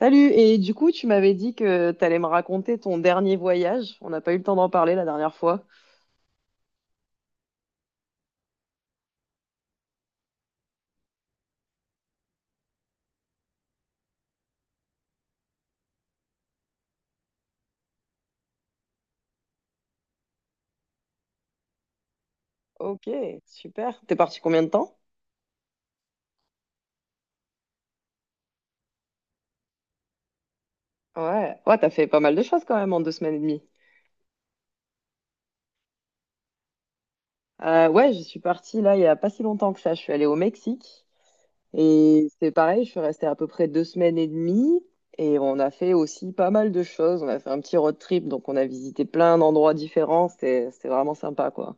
Salut, et du coup, tu m'avais dit que t'allais me raconter ton dernier voyage. On n'a pas eu le temps d'en parler la dernière fois. Ok, super. T'es parti combien de temps? Ouais, ouais, t'as fait pas mal de choses quand même en deux semaines et demie. Ouais, je suis partie là il y a pas si longtemps que ça. Je suis allée au Mexique et c'est pareil, je suis restée à peu près deux semaines et demie et on a fait aussi pas mal de choses. On a fait un petit road trip, donc on a visité plein d'endroits différents. C'était vraiment sympa quoi.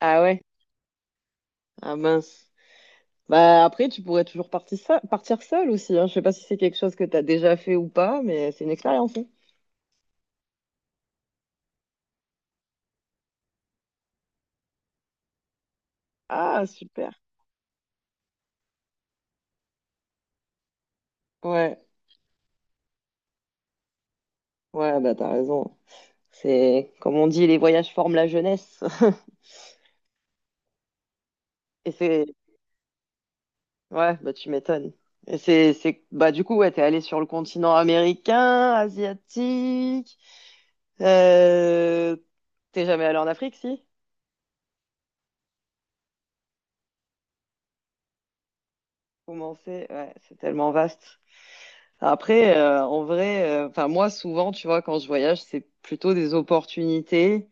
Ah ouais? Ah mince. Bah, après, tu pourrais toujours partir seul aussi. Hein. Je sais pas si c'est quelque chose que tu as déjà fait ou pas, mais c'est une expérience, hein. Ah, super. Ouais, ouais, bah t'as raison. C'est comme on dit, les voyages forment la jeunesse. Et c'est ouais, bah tu m'étonnes. Et c'est bah du coup ouais, t'es allé sur le continent américain, asiatique. Euh... T'es jamais allé en Afrique, si? Comment Ouais, c'est tellement vaste. Après, en vrai, enfin moi souvent, tu vois, quand je voyage, c'est plutôt des opportunités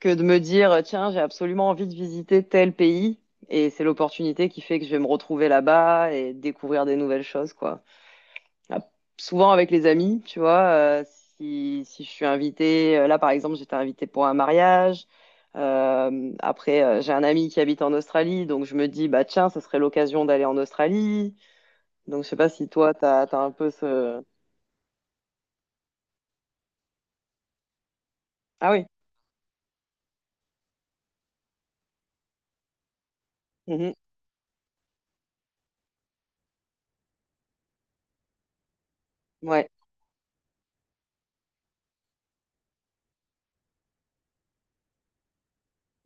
que de me dire, tiens, j'ai absolument envie de visiter tel pays, et c'est l'opportunité qui fait que je vais me retrouver là-bas et découvrir des nouvelles choses, quoi. Ah, souvent avec les amis, tu vois, si je suis invitée, là par exemple, j'étais invitée pour un mariage. Après, j'ai un ami qui habite en Australie, donc je me dis, bah tiens, ça serait l'occasion d'aller en Australie. Donc je sais pas si toi, t'as un peu ce... Ah oui. Mhm. Ouais,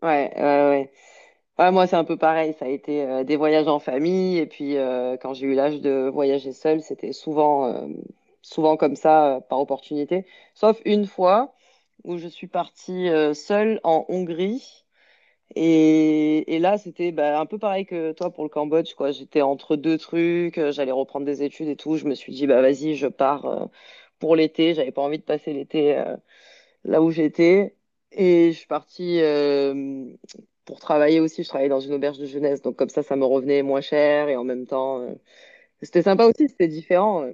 ouais, ouais, ouais. Ouais, moi, c'est un peu pareil. Ça a été des voyages en famille. Et puis, quand j'ai eu l'âge de voyager seule, c'était souvent, souvent comme ça, par opportunité. Sauf une fois où je suis partie seule en Hongrie. Et là, c'était bah, un peu pareil que toi pour le Cambodge, quoi. J'étais entre deux trucs. J'allais reprendre des études et tout. Je me suis dit, bah, vas-y, je pars pour l'été. J'avais pas envie de passer l'été là où j'étais. Et je suis partie pour travailler aussi. Je travaillais dans une auberge de jeunesse. Donc comme ça me revenait moins cher. Et en même temps, c'était sympa aussi, c'était différent.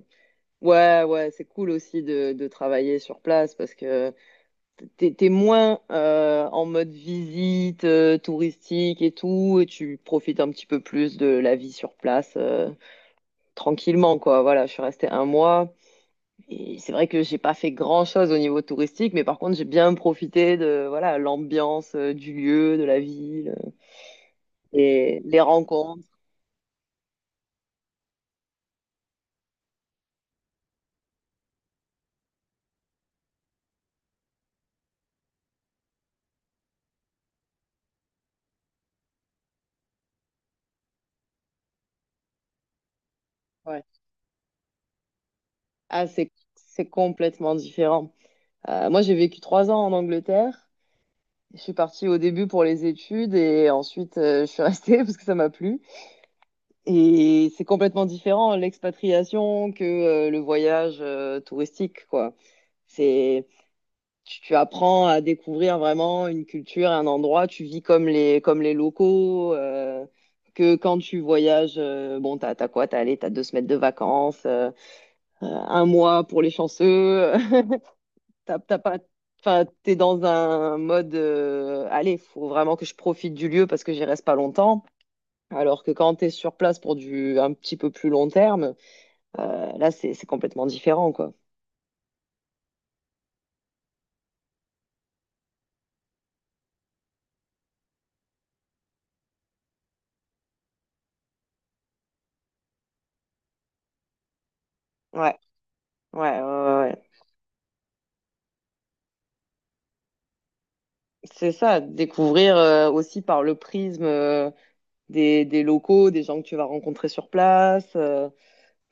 Ouais, ouais, c'est cool aussi de travailler sur place parce que t'es moins en mode visite touristique et tout. Et tu profites un petit peu plus de la vie sur place tranquillement, quoi. Voilà, je suis restée un mois. Et c'est vrai que j'ai pas fait grand-chose au niveau touristique, mais par contre, j'ai bien profité de voilà, l'ambiance du lieu, de la ville et les rencontres. Ouais. Ah, c'est complètement différent. Moi, j'ai vécu trois ans en Angleterre. Je suis partie au début pour les études et ensuite je suis restée parce que ça m'a plu. Et c'est complètement différent l'expatriation que le voyage touristique, quoi. C'est tu, tu apprends à découvrir vraiment une culture, un endroit, tu vis comme les locaux, que quand tu voyages, bon, t'as, t'as quoi? T'as, allez, t'as deux semaines de vacances, un mois pour les chanceux, t'as, t'as pas, enfin, t'es dans un mode, allez, faut vraiment que je profite du lieu parce que j'y reste pas longtemps. Alors que quand t'es sur place pour du un petit peu plus long terme, là, c'est complètement différent, quoi. Ouais, ouais, ouais, ouais. C'est ça, découvrir aussi par le prisme des locaux, des gens que tu vas rencontrer sur place,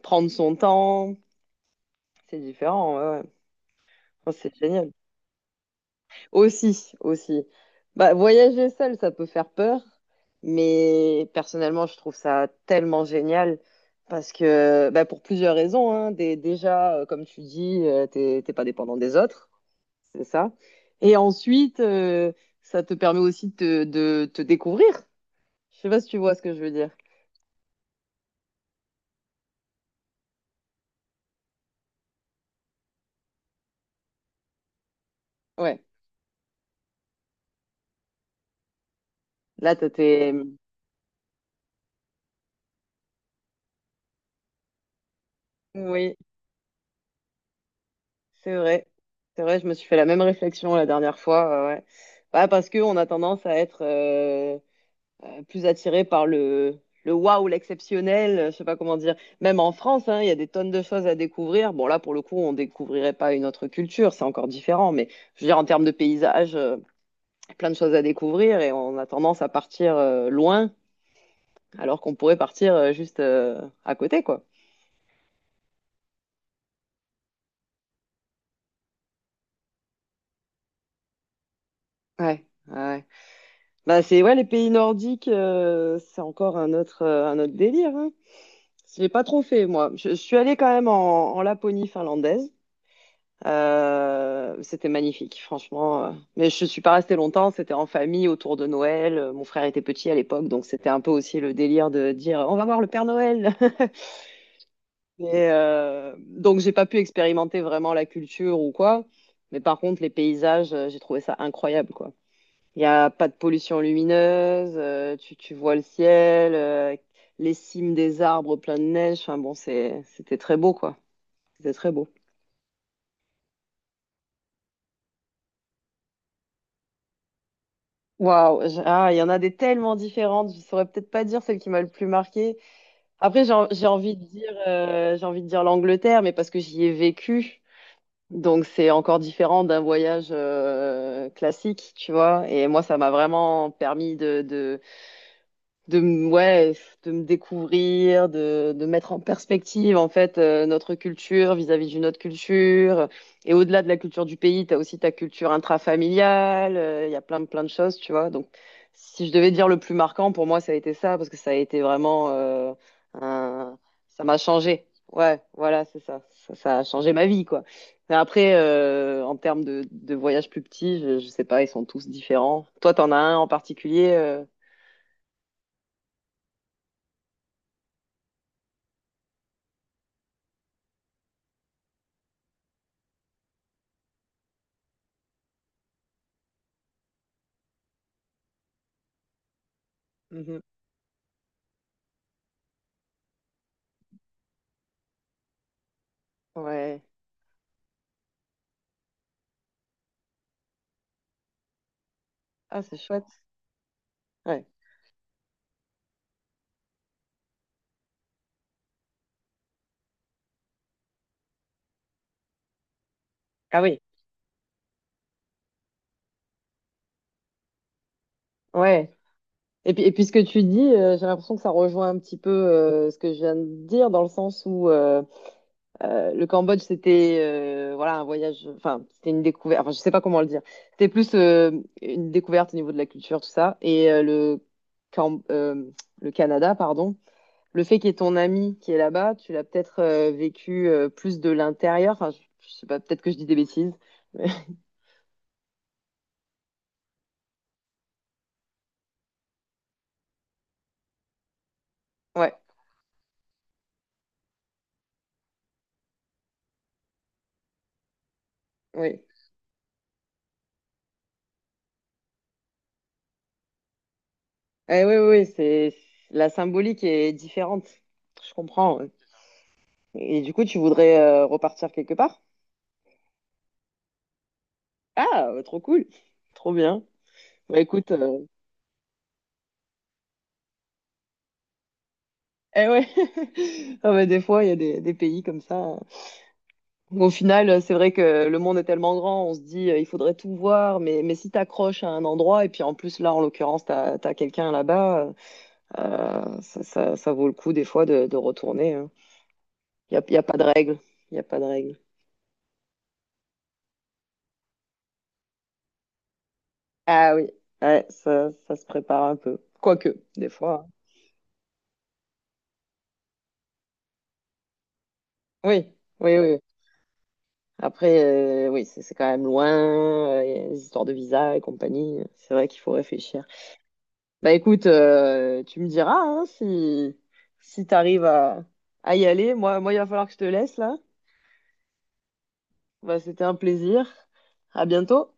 prendre son temps, c'est différent, ouais, ouais. Oh, c'est génial. Aussi, aussi. Bah, voyager seul, ça peut faire peur, mais personnellement, je trouve ça tellement génial parce que, bah, pour plusieurs raisons, hein. Déjà, comme tu dis, t'es pas dépendant des autres, c'est ça. Et ensuite, ça te permet aussi de te découvrir. Je sais pas si tu vois ce que je veux dire. Ouais. Là, t'as tes... Oui, c'est vrai. C'est vrai, je me suis fait la même réflexion la dernière fois. Ouais. Bah, parce qu'on a tendance à être plus attiré par le waouh, l'exceptionnel, je sais pas comment dire. Même en France, hein, il y a des tonnes de choses à découvrir. Bon, là, pour le coup, on découvrirait pas une autre culture, c'est encore différent. Mais je veux dire, en termes de paysage, plein de choses à découvrir et on a tendance à partir loin, alors qu'on pourrait partir juste à côté, quoi. Ouais. Ouais. Bah, c'est ouais, les pays nordiques, c'est encore un autre délire. Hein. Je l'ai pas trop fait, moi. Je suis allée quand même en, en Laponie finlandaise. C'était magnifique, franchement. Mais je suis pas restée longtemps. C'était en famille autour de Noël. Mon frère était petit à l'époque, donc c'était un peu aussi le délire de dire on va voir le Père Noël. Mais, donc j'ai pas pu expérimenter vraiment la culture ou quoi. Mais par contre, les paysages, j'ai trouvé ça incroyable, quoi. Il n'y a pas de pollution lumineuse, tu, tu vois le ciel, les cimes des arbres pleins de neige. Enfin bon, c'était très beau, quoi. C'était très beau. Waouh, il y en a des tellement différentes. Je saurais peut-être pas dire celle qui m'a le plus marquée. Après, j'ai envie de dire, j'ai envie de dire l'Angleterre, mais parce que j'y ai vécu. Donc c'est encore différent d'un voyage classique, tu vois. Et moi, ça m'a vraiment permis de ouais, de me découvrir, de mettre en perspective en fait notre culture vis-à-vis d'une autre culture. Et au-delà de la culture du pays, tu as aussi ta culture intrafamiliale, il y a plein de choses, tu vois. Donc si je devais dire le plus marquant pour moi, ça a été ça parce que ça a été vraiment un- ça m'a changé. Ouais, voilà, c'est ça. Ça a changé ma vie quoi. Mais après en termes de voyages plus petits, je sais pas, ils sont tous différents. Toi, t'en as un en particulier Mhm. Ouais. Ah, c'est chouette. Ouais. Ah oui, ouais. Et puis ce que tu dis, j'ai l'impression que ça rejoint un petit peu ce que je viens de dire, dans le sens où le Cambodge, c'était voilà, un voyage, enfin, c'était une découverte, enfin, je sais pas comment le dire. C'était plus une découverte au niveau de la culture, tout ça. Et Cam- euh, le Canada, pardon, le fait qu'il y ait ton ami qui est là-bas, tu l'as peut-être vécu plus de l'intérieur. Enfin, je sais pas, peut-être que je dis des bêtises. mais- Ouais, oui. Eh oui, oui, oui, c'est la symbolique est différente. Je comprends. Ouais. Et du coup, tu voudrais repartir quelque part? Ah, trop cool. Trop bien. Bah écoute, eh ouais. Ah, bah, des fois, il y a des pays comme ça. Au final, c'est vrai que le monde est tellement grand, on se dit, il faudrait tout voir, mais si t'accroches à un endroit, et puis en plus, là, en l'occurrence, t'as, t'as quelqu'un là-bas, ça vaut le coup des fois de retourner, hein. Il n'y a, y a pas de règle. Il n'y a pas de règle. Ah oui, ouais, ça se prépare un peu. Quoique, des fois, hein. Oui, oui, oui. Après, oui, c'est quand même loin, il y a les histoires de visa et compagnie. C'est vrai qu'il faut réfléchir. Bah écoute, tu me diras hein, si, si tu arrives à y aller. Moi, il va falloir que je te laisse là. Bah, c'était un plaisir. À bientôt.